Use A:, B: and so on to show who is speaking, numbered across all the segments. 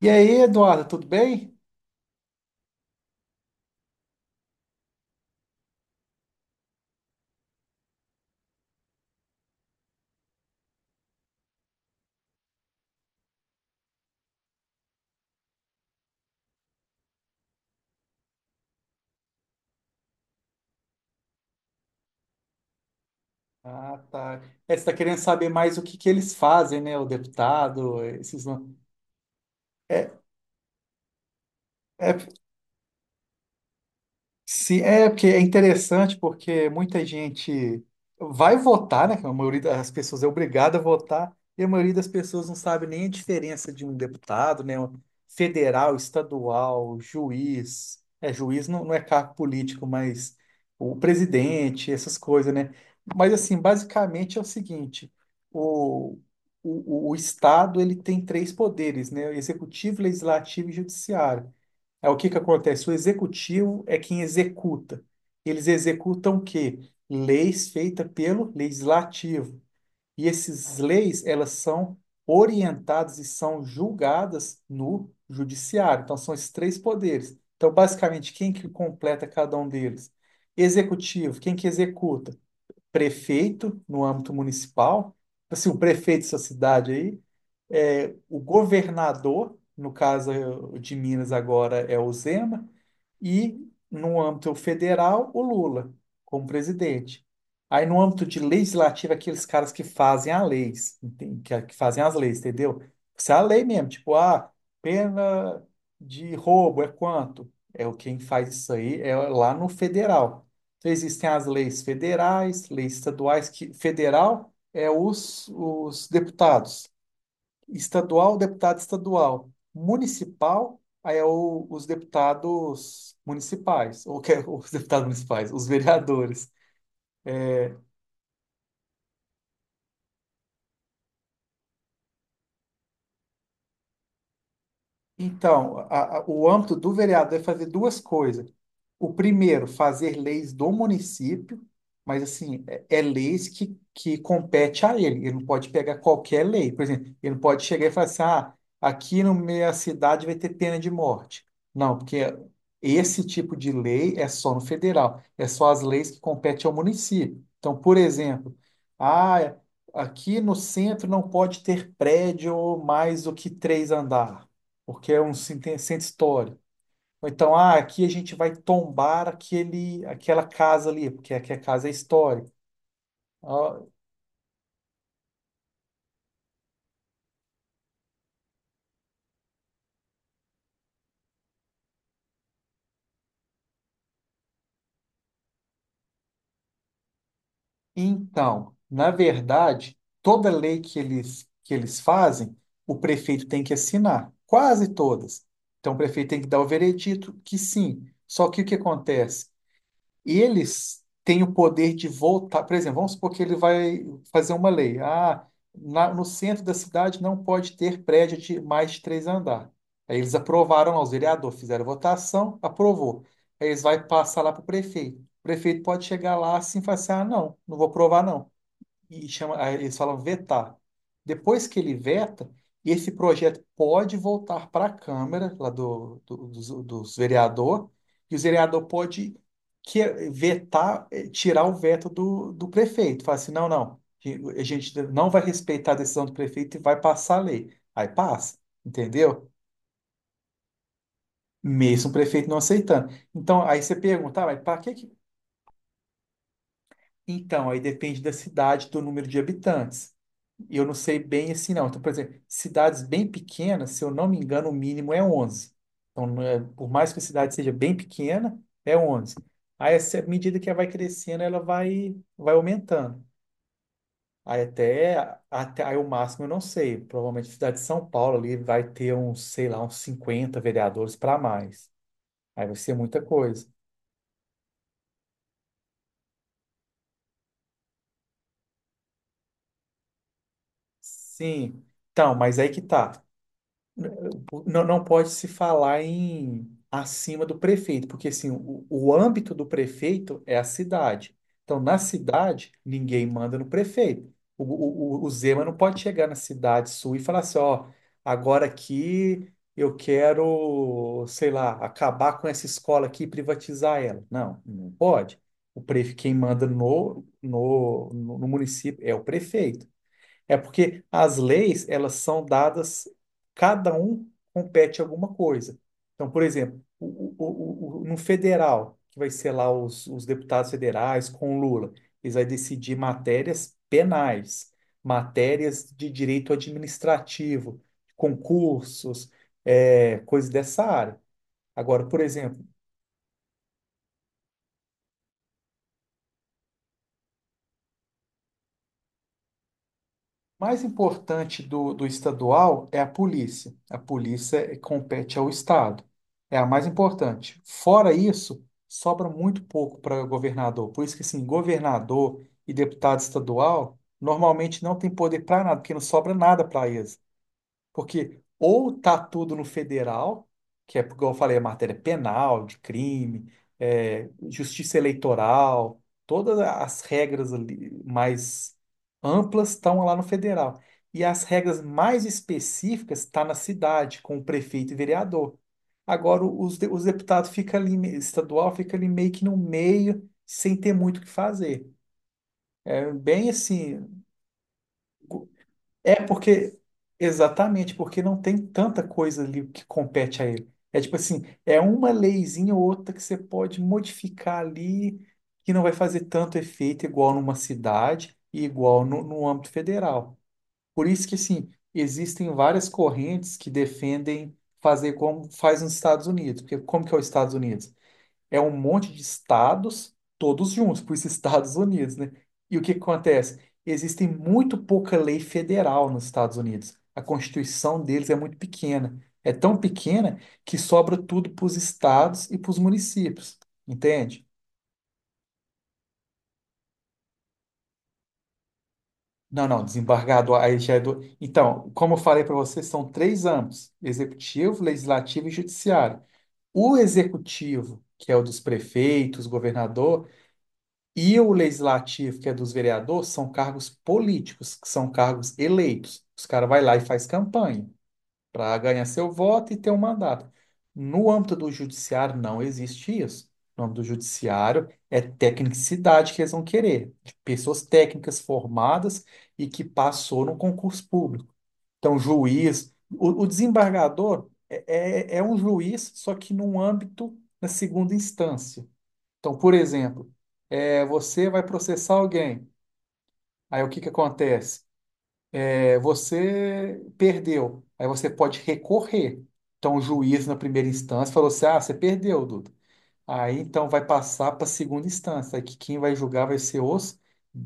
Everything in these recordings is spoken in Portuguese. A: E aí, Eduardo, tudo bem? Ah, tá. É, você está querendo saber mais o que que eles fazem, né? O deputado, esses... no- É, é Sim, é porque é interessante porque muita gente vai votar, né? que A maioria das pessoas é obrigada a votar, e a maioria das pessoas não sabe nem a diferença de um deputado, né? Um federal, estadual, juiz. É, juiz não, não é cargo político, mas o presidente, essas coisas, né? Mas assim, basicamente é o seguinte: o, o Estado ele tem três poderes, né? Executivo, legislativo e judiciário. É o que que acontece? O executivo é quem executa. Eles executam o quê? Leis feitas pelo legislativo. E essas leis, elas são orientadas e são julgadas no judiciário. Então, são esses três poderes. Então, basicamente, quem que completa cada um deles? Executivo, quem que executa? Prefeito, no âmbito municipal. Assim, o prefeito da sua cidade aí, é, o governador, no caso de Minas agora é o Zema, e no âmbito federal, o Lula como presidente. Aí no âmbito de legislativo, aqueles caras que fazem as leis, que que fazem as leis, entendeu? Isso é a lei mesmo, tipo, ah, pena de roubo é quanto? É o quem faz isso aí, é lá no federal. Então existem as leis federais, leis estaduais, que federal é os deputados estadual, deputado estadual. Municipal, aí é os deputados municipais, ou que, é os deputados municipais, os vereadores. Então, o âmbito do vereador é fazer duas coisas. O primeiro, fazer leis do município, mas assim, é leis que compete a ele. Ele não pode pegar qualquer lei. Por exemplo, ele não pode chegar e falar assim, ah, aqui no meio da cidade vai ter pena de morte. Não, porque esse tipo de lei é só no federal, é só as leis que competem ao município. Então, por exemplo, ah, aqui no centro não pode ter prédio mais do que três andares porque é um centro histórico. Ou então, ah, aqui a gente vai tombar aquela casa ali, porque aqui a casa é histórica. Ah. Então, na verdade, toda lei que eles fazem, o prefeito tem que assinar, quase todas. Então, o prefeito tem que dar o veredito que sim. Só que o que acontece? E eles têm o poder de voltar. Por exemplo, vamos supor que ele vai fazer uma lei. Ah, no centro da cidade não pode ter prédio de mais de três andares. Aí eles aprovaram lá, os vereadores fizeram votação, aprovou. Aí eles vão passar lá para o prefeito. O prefeito pode chegar lá assim e falar assim: ah, não, não vou aprovar, não e chama, aí eles falam vetar. Depois que ele veta, esse projeto pode voltar para a Câmara, lá dos vereador, e o vereador pode que, tirar o veto do prefeito. Fala assim, não, não, a gente não vai respeitar a decisão do prefeito e vai passar a lei. Aí passa, entendeu? Mesmo o prefeito não aceitando. Então, aí você pergunta, ah, mas para que que... Então, aí depende da cidade, do número de habitantes. E eu não sei bem assim, não. Então, por exemplo, cidades bem pequenas, se eu não me engano, o mínimo é 11. Então, não é- por mais que a cidade seja bem pequena, é 11. Aí, essa- à medida que ela vai crescendo, ela vai aumentando. Aí, até aí, o máximo eu não sei. Provavelmente, a cidade de São Paulo ali vai ter uns, sei lá, uns 50 vereadores para mais. Aí vai ser muita coisa. Sim. Então, mas aí que tá. Não, não pode se falar em acima do prefeito, porque assim, o âmbito do prefeito é a cidade. Então, na cidade, ninguém manda no prefeito. O Zema não pode chegar na cidade sul e falar assim, ó, agora aqui eu quero, sei lá, acabar com essa escola aqui e privatizar ela. Não, não pode. O prefeito, quem manda no município é o prefeito. É porque as leis, elas são dadas, cada um compete alguma coisa. Então, por exemplo, no federal, que vai ser lá os deputados federais com o Lula, eles vão decidir matérias penais, matérias de direito administrativo, concursos, é, coisas dessa área. Agora, por exemplo, mais importante do estadual é a polícia. A polícia compete ao estado. É a mais importante. Fora isso, sobra muito pouco para governador. Por isso que, assim, governador e deputado estadual normalmente não tem poder para nada, porque não sobra nada para eles. Porque ou tá tudo no federal, que é, como eu falei, a matéria penal, de crime, é, justiça eleitoral, todas as regras ali mais amplas estão lá no federal. E as regras mais específicas estão na cidade, com o prefeito e vereador. Agora, os deputados fica ali, estadual fica ali meio que no meio, sem ter muito o que fazer. É bem assim, é porque, exatamente, porque não tem tanta coisa ali que compete a ele. É tipo assim, é uma leizinha ou outra que você pode modificar ali, que não vai fazer tanto efeito igual numa cidade e igual no âmbito federal. Por isso que, assim, existem várias correntes que defendem fazer como faz nos Estados Unidos. Porque como que é os Estados Unidos? É um monte de estados, todos juntos, por isso Estados Unidos, né? E o que que acontece? Existem muito pouca lei federal nos Estados Unidos. A Constituição deles é muito pequena. É tão pequena que sobra tudo para os estados e para os municípios, entende? Não, não, desembargador, aí já é do... Então, como eu falei para vocês, são três âmbitos: executivo, legislativo e judiciário. O executivo, que é o dos prefeitos, governador, e o legislativo, que é dos vereadores, são cargos políticos, que são cargos eleitos. Os caras vai lá e faz campanha para ganhar seu voto e ter um mandato. No âmbito do judiciário, não existe isso. No âmbito do judiciário, é tecnicidade que eles vão querer, de pessoas técnicas formadas e que passou no concurso público. Então, juiz, o desembargador é um juiz, só que num âmbito na segunda instância. Então, por exemplo, aí você vai processar alguém. Aí o que que acontece? É, você perdeu. Aí você pode recorrer. Então o juiz na primeira instância falou assim: "Ah, você perdeu, Duda". Aí então vai passar para a segunda instância, aí que quem vai julgar vai ser os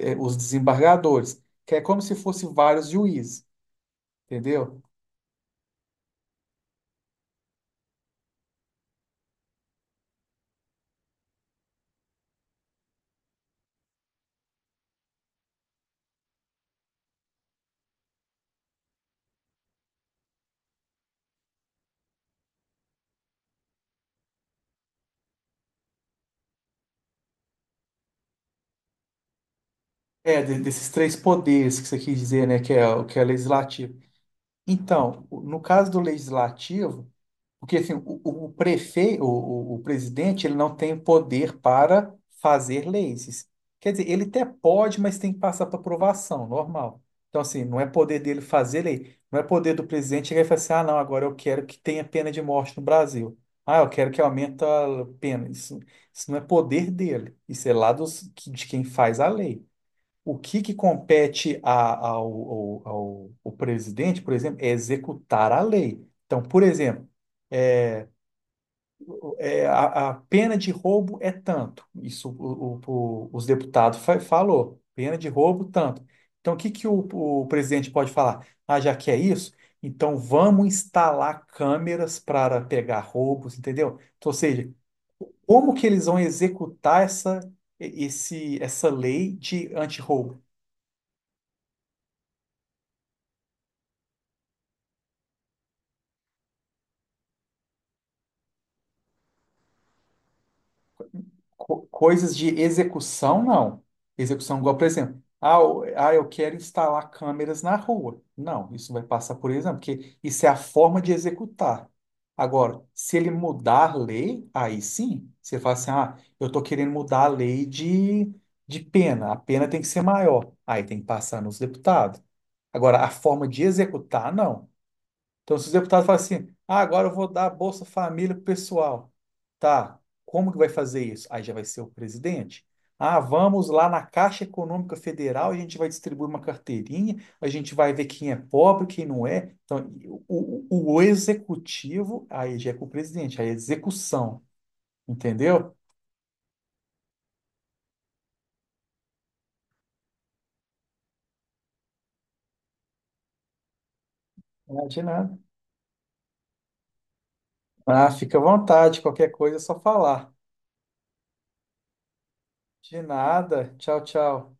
A: é, os desembargadores, que é como se fosse vários juízes, entendeu? É, desses três poderes que você quis dizer, né, que é o que é legislativo. Então, no caso do legislativo, porque assim, o prefeito, o presidente, ele não tem poder para fazer leis. Quer dizer, ele até pode, mas tem que passar para aprovação, normal. Então, assim, não é poder dele fazer lei, não é poder do presidente chegar e falar assim, ah, não, agora eu quero que tenha pena de morte no Brasil. Ah, eu quero que aumente a pena. Isso, isso não é poder dele, isso é lá dos, de quem faz a lei. O que que compete ao presidente, por exemplo, é executar a lei. Então, por exemplo, é, a pena de roubo é tanto. Isso os deputados falou. Pena de roubo, tanto. Então, o que que o presidente pode falar? Ah, já que é isso, então vamos instalar câmeras para pegar roubos, entendeu? Então, ou seja, como que eles vão executar essa lei de antirroubo? Coisas de execução, não. Execução, igual, por exemplo, ah, eu quero instalar câmeras na rua. Não, isso vai passar por exemplo, porque isso é a forma de executar. Agora, se ele mudar a lei, aí sim, você fala assim, ah, eu estou querendo mudar a lei de pena, a pena tem que ser maior, aí tem que passar nos deputados. Agora, a forma de executar, não. Então, se os deputados falam assim, ah, agora eu vou dar Bolsa Família pro pessoal. Tá, como que vai fazer isso? Aí já vai ser o presidente. Ah, vamos lá na Caixa Econômica Federal, a gente vai distribuir uma carteirinha, a gente vai ver quem é pobre, quem não é. Então, o executivo, aí já é com o presidente, aí é execução, entendeu? Ah, de nada. Ah, fica à vontade, qualquer coisa é só falar. De nada. Tchau, tchau.